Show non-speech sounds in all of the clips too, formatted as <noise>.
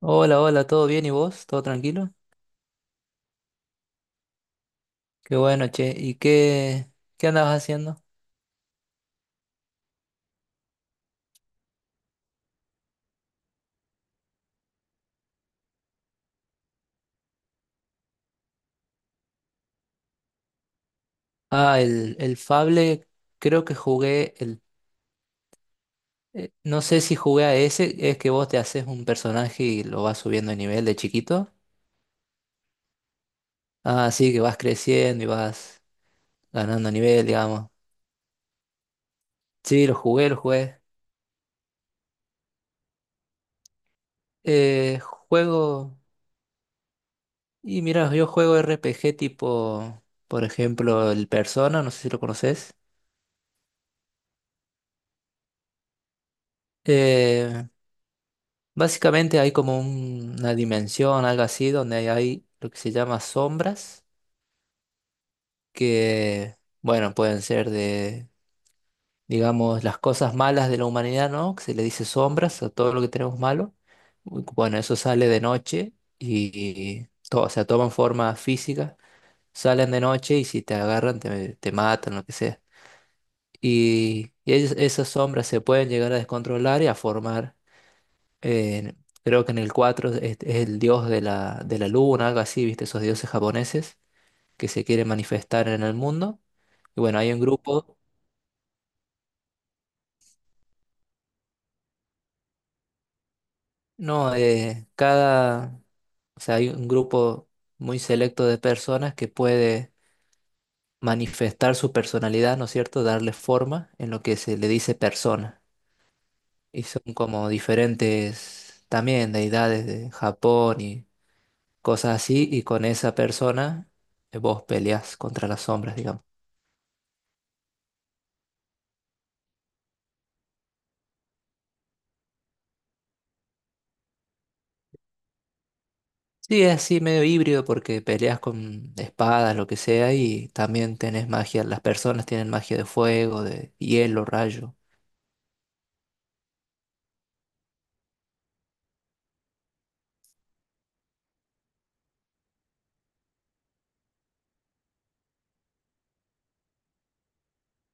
Hola, hola, ¿todo bien y vos? ¿Todo tranquilo? Qué bueno, che. ¿Y qué andabas haciendo? Ah, el Fable, creo que jugué el... no sé si jugué a ese, es que vos te haces un personaje y lo vas subiendo de nivel de chiquito. Ah, sí, que vas creciendo y vas ganando nivel, digamos. Sí, lo jugué. Eh, juego... Y mira, yo juego RPG tipo, por ejemplo, el Persona, no sé si lo conoces. Eh, Básicamente hay como una dimensión, algo así, donde hay lo que se llama sombras, que, bueno, pueden ser de, digamos, las cosas malas de la humanidad, ¿no? Que se le dice sombras a todo lo que tenemos malo. Bueno, eso sale de noche y, todo, o sea, toman forma física, salen de noche y si te agarran te matan, lo que sea. Y esas sombras se pueden llegar a descontrolar y a formar eh, creo que en el 4 es el dios de la luna, algo así, ¿viste? Esos dioses japoneses que se quieren manifestar en el mundo. Y bueno, hay un grupo, no, cada, o sea, hay un grupo muy selecto de personas que puede manifestar su personalidad, ¿no es cierto? Darle forma en lo que se le dice persona. Y son como diferentes también deidades de Japón y cosas así, y con esa persona vos peleás contra las sombras, digamos. Sí, es así medio híbrido porque peleas con espadas, lo que sea, y también tenés magia, las personas tienen magia de fuego, de hielo, rayo.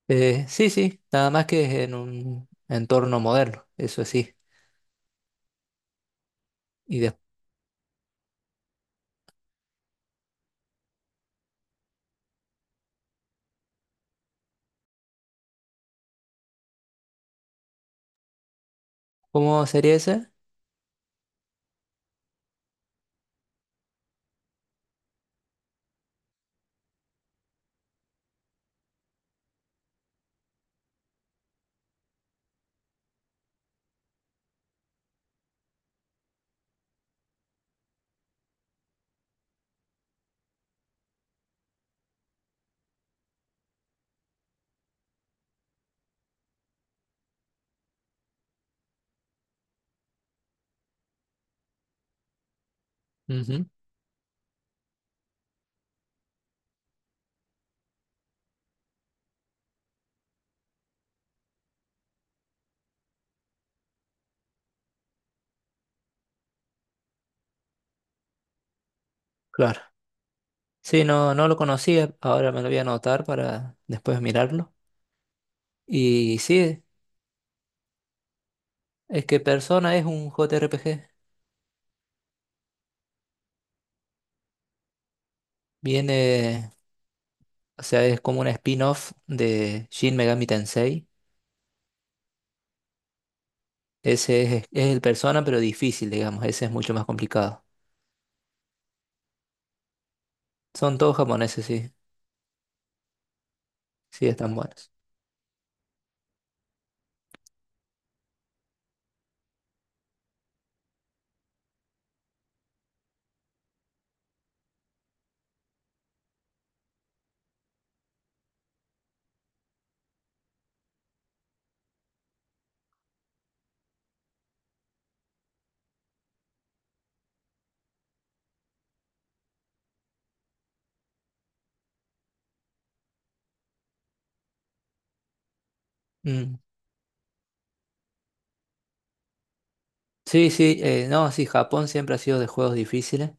Sí, sí, nada más que es en un entorno moderno, eso sí. ¿Y después cómo sería ese? Ujú, claro. Sí, no, no lo conocía, ahora me lo voy a anotar para después mirarlo. Y sí, es que Persona es un JRPG. Viene, o sea, es como un spin-off de Shin Megami Tensei. Ese es el Persona, pero difícil, digamos. Ese es mucho más complicado. Son todos japoneses, sí. Sí, están buenos. Mm. Sí, sí, no, sí, Japón siempre ha sido de juegos difíciles.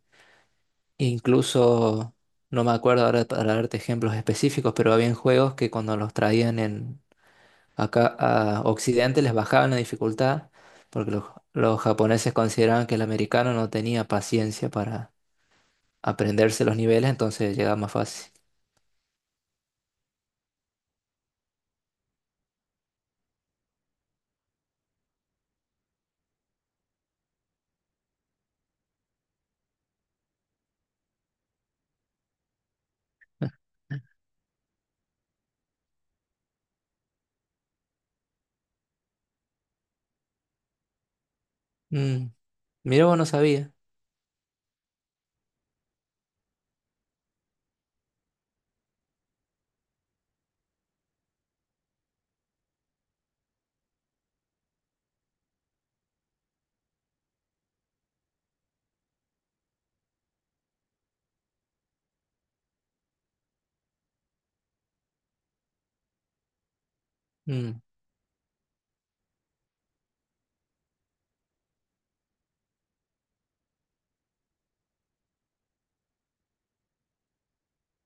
Incluso, no me acuerdo ahora para darte ejemplos específicos, pero había juegos que cuando los traían acá a Occidente les bajaban la dificultad, porque los japoneses consideraban que el americano no tenía paciencia para aprenderse los niveles, entonces llegaba más fácil. <laughs> Mm, mira, vos no sabía. Mm.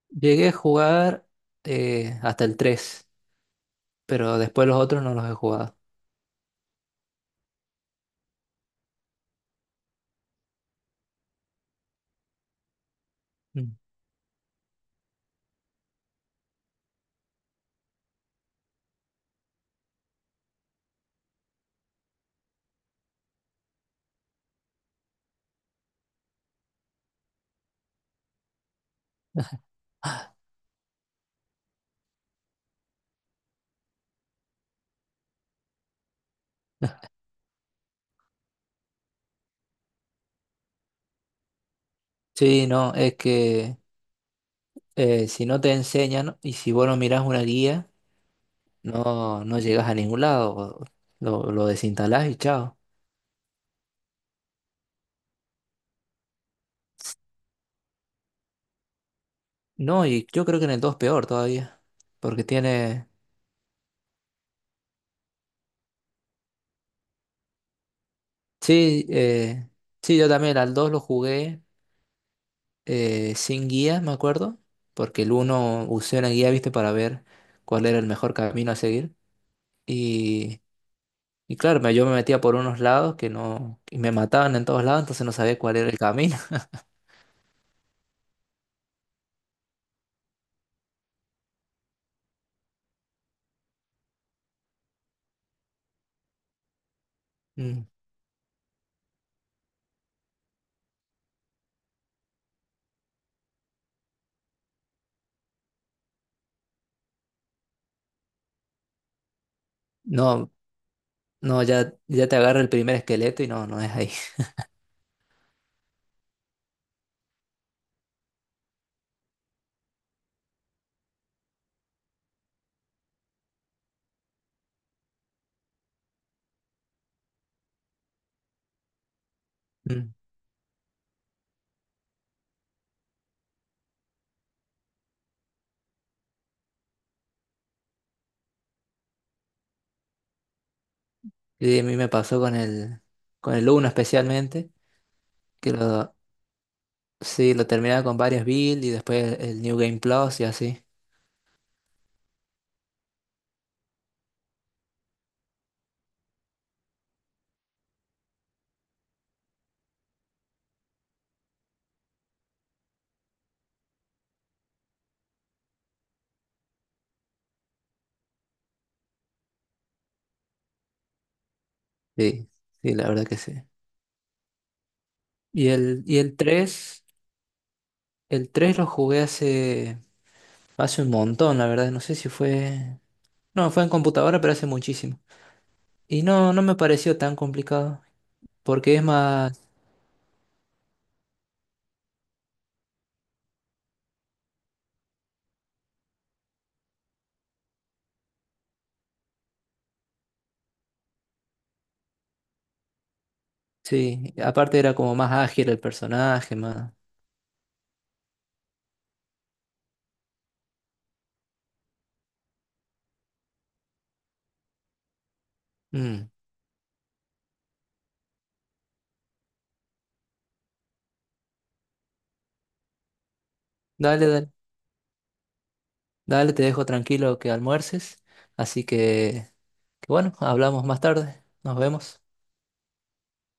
Llegué a jugar hasta el tres, pero después los otros no los he jugado. Mm. Sí, no, es que si no te enseñan y si vos no mirás una guía, no, no llegas a ningún lado. Lo desinstalás y chao. No, y yo creo que en el 2 peor todavía, porque tiene... Sí, eh, sí, yo también al 2 lo jugué sin guía, me acuerdo, porque el uno usé una guía, viste, para ver cuál era el mejor camino a seguir. Y claro, yo me metía por unos lados que no, y me mataban en todos lados, entonces no sabía cuál era el camino. <laughs> Mm. No, no, ya, ya te agarra el primer esqueleto y no, no es ahí. <laughs> Mm. Y a mí me pasó con el uno especialmente, que lo, sí, lo terminaba con varias builds y después el New Game Plus y así. Sí, sí, la verdad que sí. Y el tres el 3 lo jugué hace un montón, la verdad, no, fue en computadora, pero hace muchísimo. Y no, no me pareció tan complicado. Porque es más, sí, aparte era como más ágil el personaje, más... Mm. Dale, dale, dale, te dejo tranquilo que almuerces. Así que bueno, hablamos más tarde. Nos vemos.